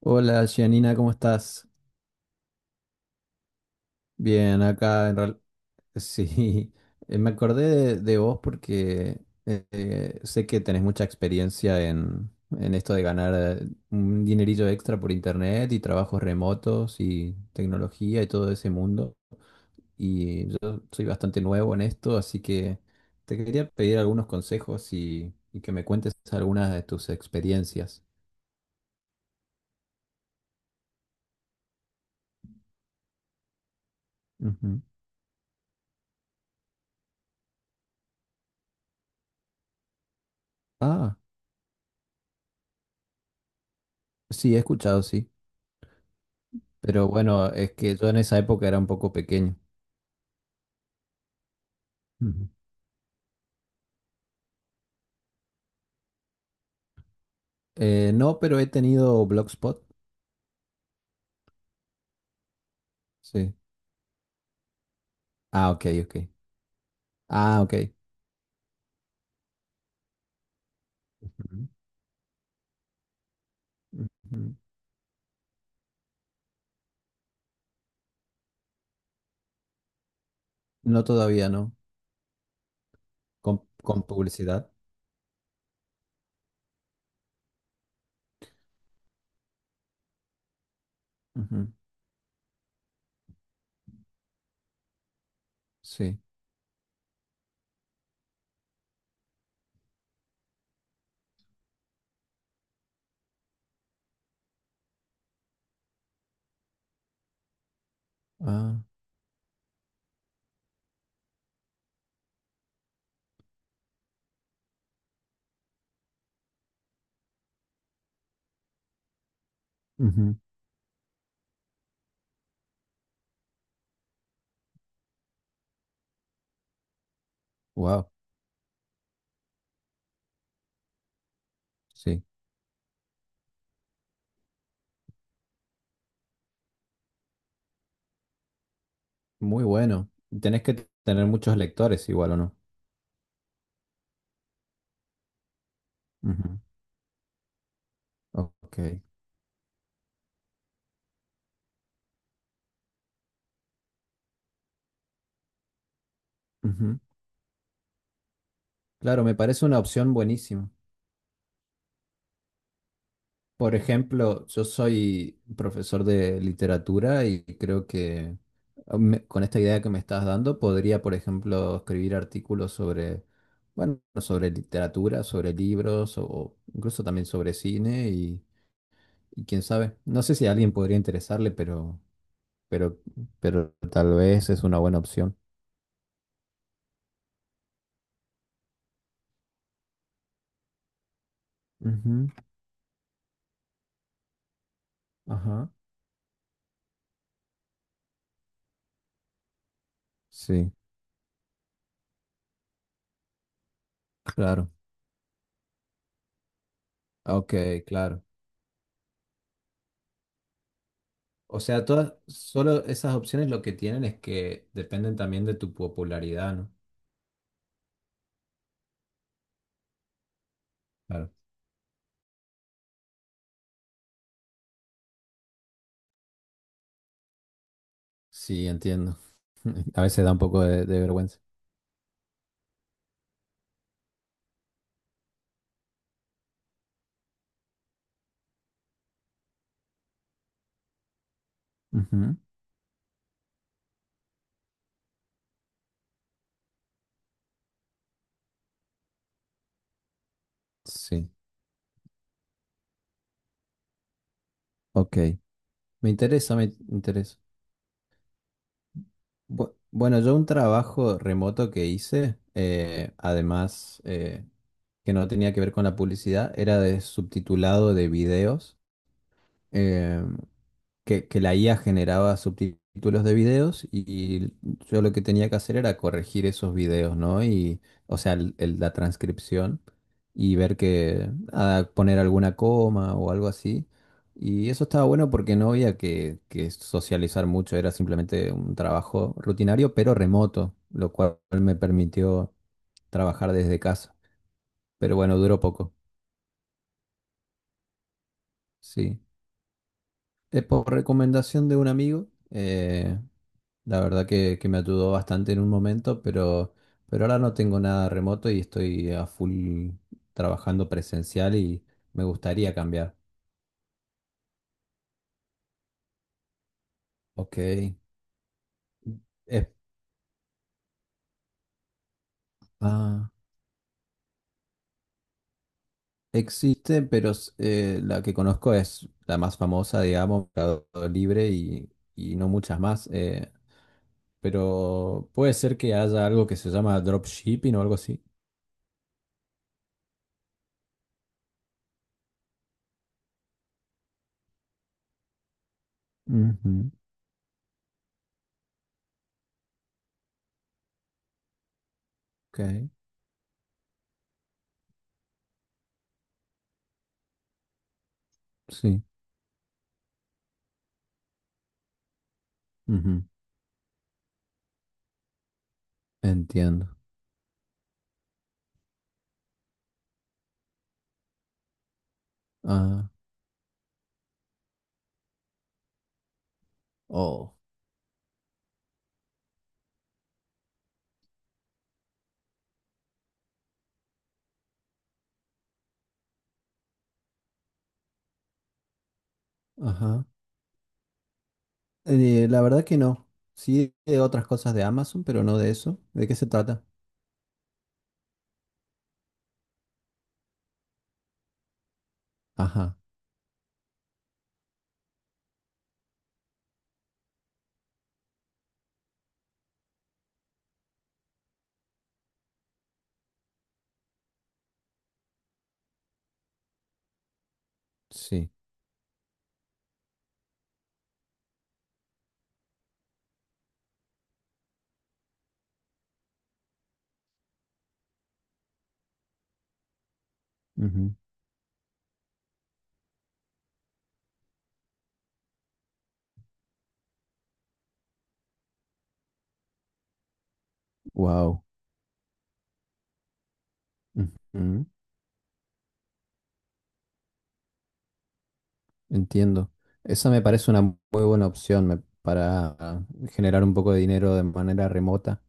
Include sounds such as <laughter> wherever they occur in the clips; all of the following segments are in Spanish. Hola, Gianina, ¿cómo estás? Bien, acá en real... Sí, <laughs> me acordé de vos porque sé que tenés mucha experiencia en esto de ganar un dinerillo extra por internet y trabajos remotos y tecnología y todo ese mundo. Y yo soy bastante nuevo en esto, así que te quería pedir algunos consejos y que me cuentes algunas de tus experiencias. Ujú. Ah, sí, he escuchado, sí. Pero bueno, es que yo en esa época era un poco pequeño. Ujú. No, pero he tenido Blogspot. Sí. Ah, ok, ok. Ah, ok. Ujú. Ujú. No todavía, ¿no? Con publicidad. Ujú. Sí. Ah. Wow. Sí. Muy bueno. Tenés que tener muchos lectores igual, ¿o no? Ujú. Ok. Ujú. Claro, me parece una opción buenísima. Por ejemplo, yo soy profesor de literatura y creo que con esta idea que me estás dando podría, por ejemplo, escribir artículos sobre, bueno, sobre literatura, sobre libros o incluso también sobre cine y quién sabe. No sé si a alguien podría interesarle, pero, pero tal vez es una buena opción. Ujú, ajá. Sí, claro. Ok, claro. O sea, todas, solo esas opciones lo que tienen es que dependen también de tu popularidad, ¿no? Claro. Sí, entiendo. <laughs> A veces da un poco de vergüenza. Ujú, sí, ok. Me interesa, me interesa. Bueno, yo un trabajo remoto que hice, además que no tenía que ver con la publicidad, era de subtitulado de videos. em, que la IA generaba subtítulos de videos y yo lo que tenía que hacer era corregir esos videos, ¿no? Y, o sea, la transcripción y ver que, ah, poner alguna coma o algo así. Y eso estaba bueno porque no había que socializar mucho, era simplemente un trabajo rutinario, pero remoto, lo cual me permitió trabajar desde casa. Pero bueno, duró poco, sí. Es por recomendación de un amigo, la verdad que me ayudó bastante en un momento, pero ahora no tengo nada remoto y estoy a full trabajando presencial y me gustaría cambiar. Ok. Es- ah, existe, pero la que conozco es la más famosa, digamos, Mercado Libre y no muchas más. Eh, pero puede ser que haya algo que se llama dropshipping o algo así. Ujú, ok, sí. Ujú, entiendo. Ah, oh, ajá. La verdad que no. Sí, de otras cosas de Amazon, pero no de eso. ¿De qué se trata? Ajá, sí. Wow. Entiendo. Esa me parece una muy buena opción para generar un poco de dinero de manera remota.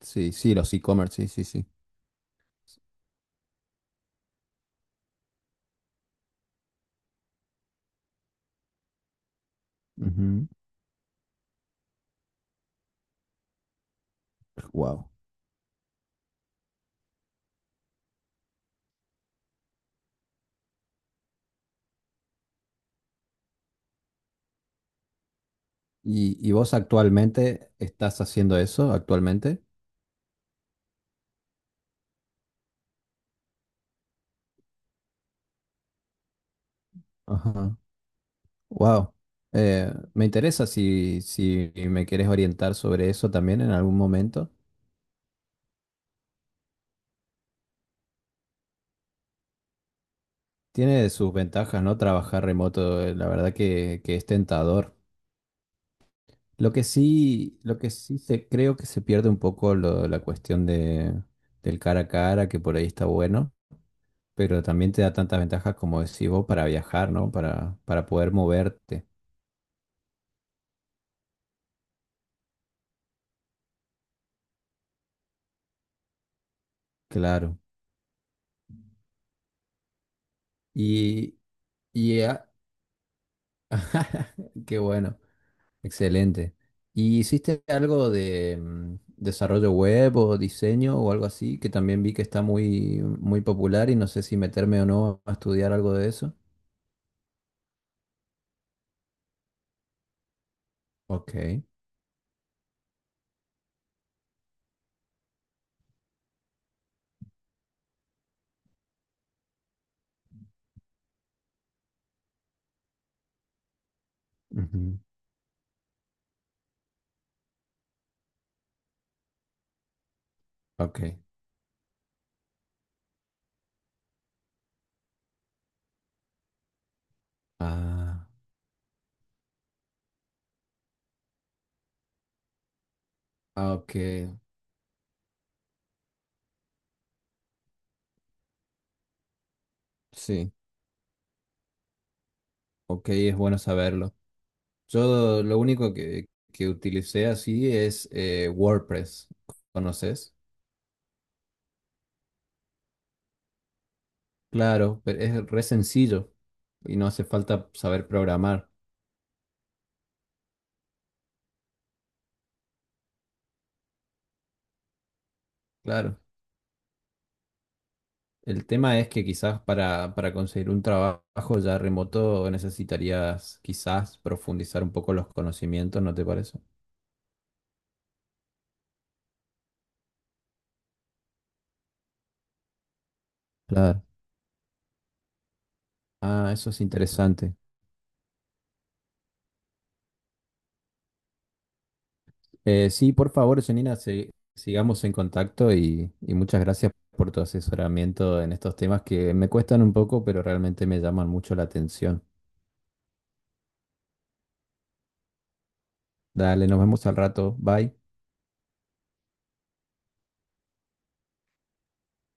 Sí, sí, los e-commerce, sí, sí, sí. Wow. Y vos actualmente estás haciendo eso actualmente? Ajá. Wow. Me interesa si, si me quieres orientar sobre eso también en algún momento. Tiene sus ventajas, ¿no? Trabajar remoto, la verdad que es tentador. Lo que sí, creo que se pierde un poco la cuestión de, del cara a cara, que por ahí está bueno, pero también te da tantas ventajas como decís vos para viajar, ¿no? Para poder moverte, claro. Y, y a- <laughs> qué bueno. Excelente. ¿Y hiciste algo de desarrollo web o diseño o algo así? Que también vi que está muy, muy popular y no sé si meterme o no a estudiar algo de eso. Ok. Ujú, ok. Ah, ah, ok. Sí. Ok, es bueno saberlo. Yo lo único que utilicé así es WordPress. ¿Conoces? Claro, pero es re sencillo y no hace falta saber programar. Claro. El tema es que quizás para conseguir un trabajo ya remoto necesitarías quizás profundizar un poco los conocimientos, ¿no te parece? Claro. Ah, eso es interesante. Sí, por favor, Janina, sigamos en contacto y muchas gracias por tu asesoramiento en estos temas que me cuestan un poco, pero realmente me llaman mucho la atención. Dale, nos vemos al rato. Bye.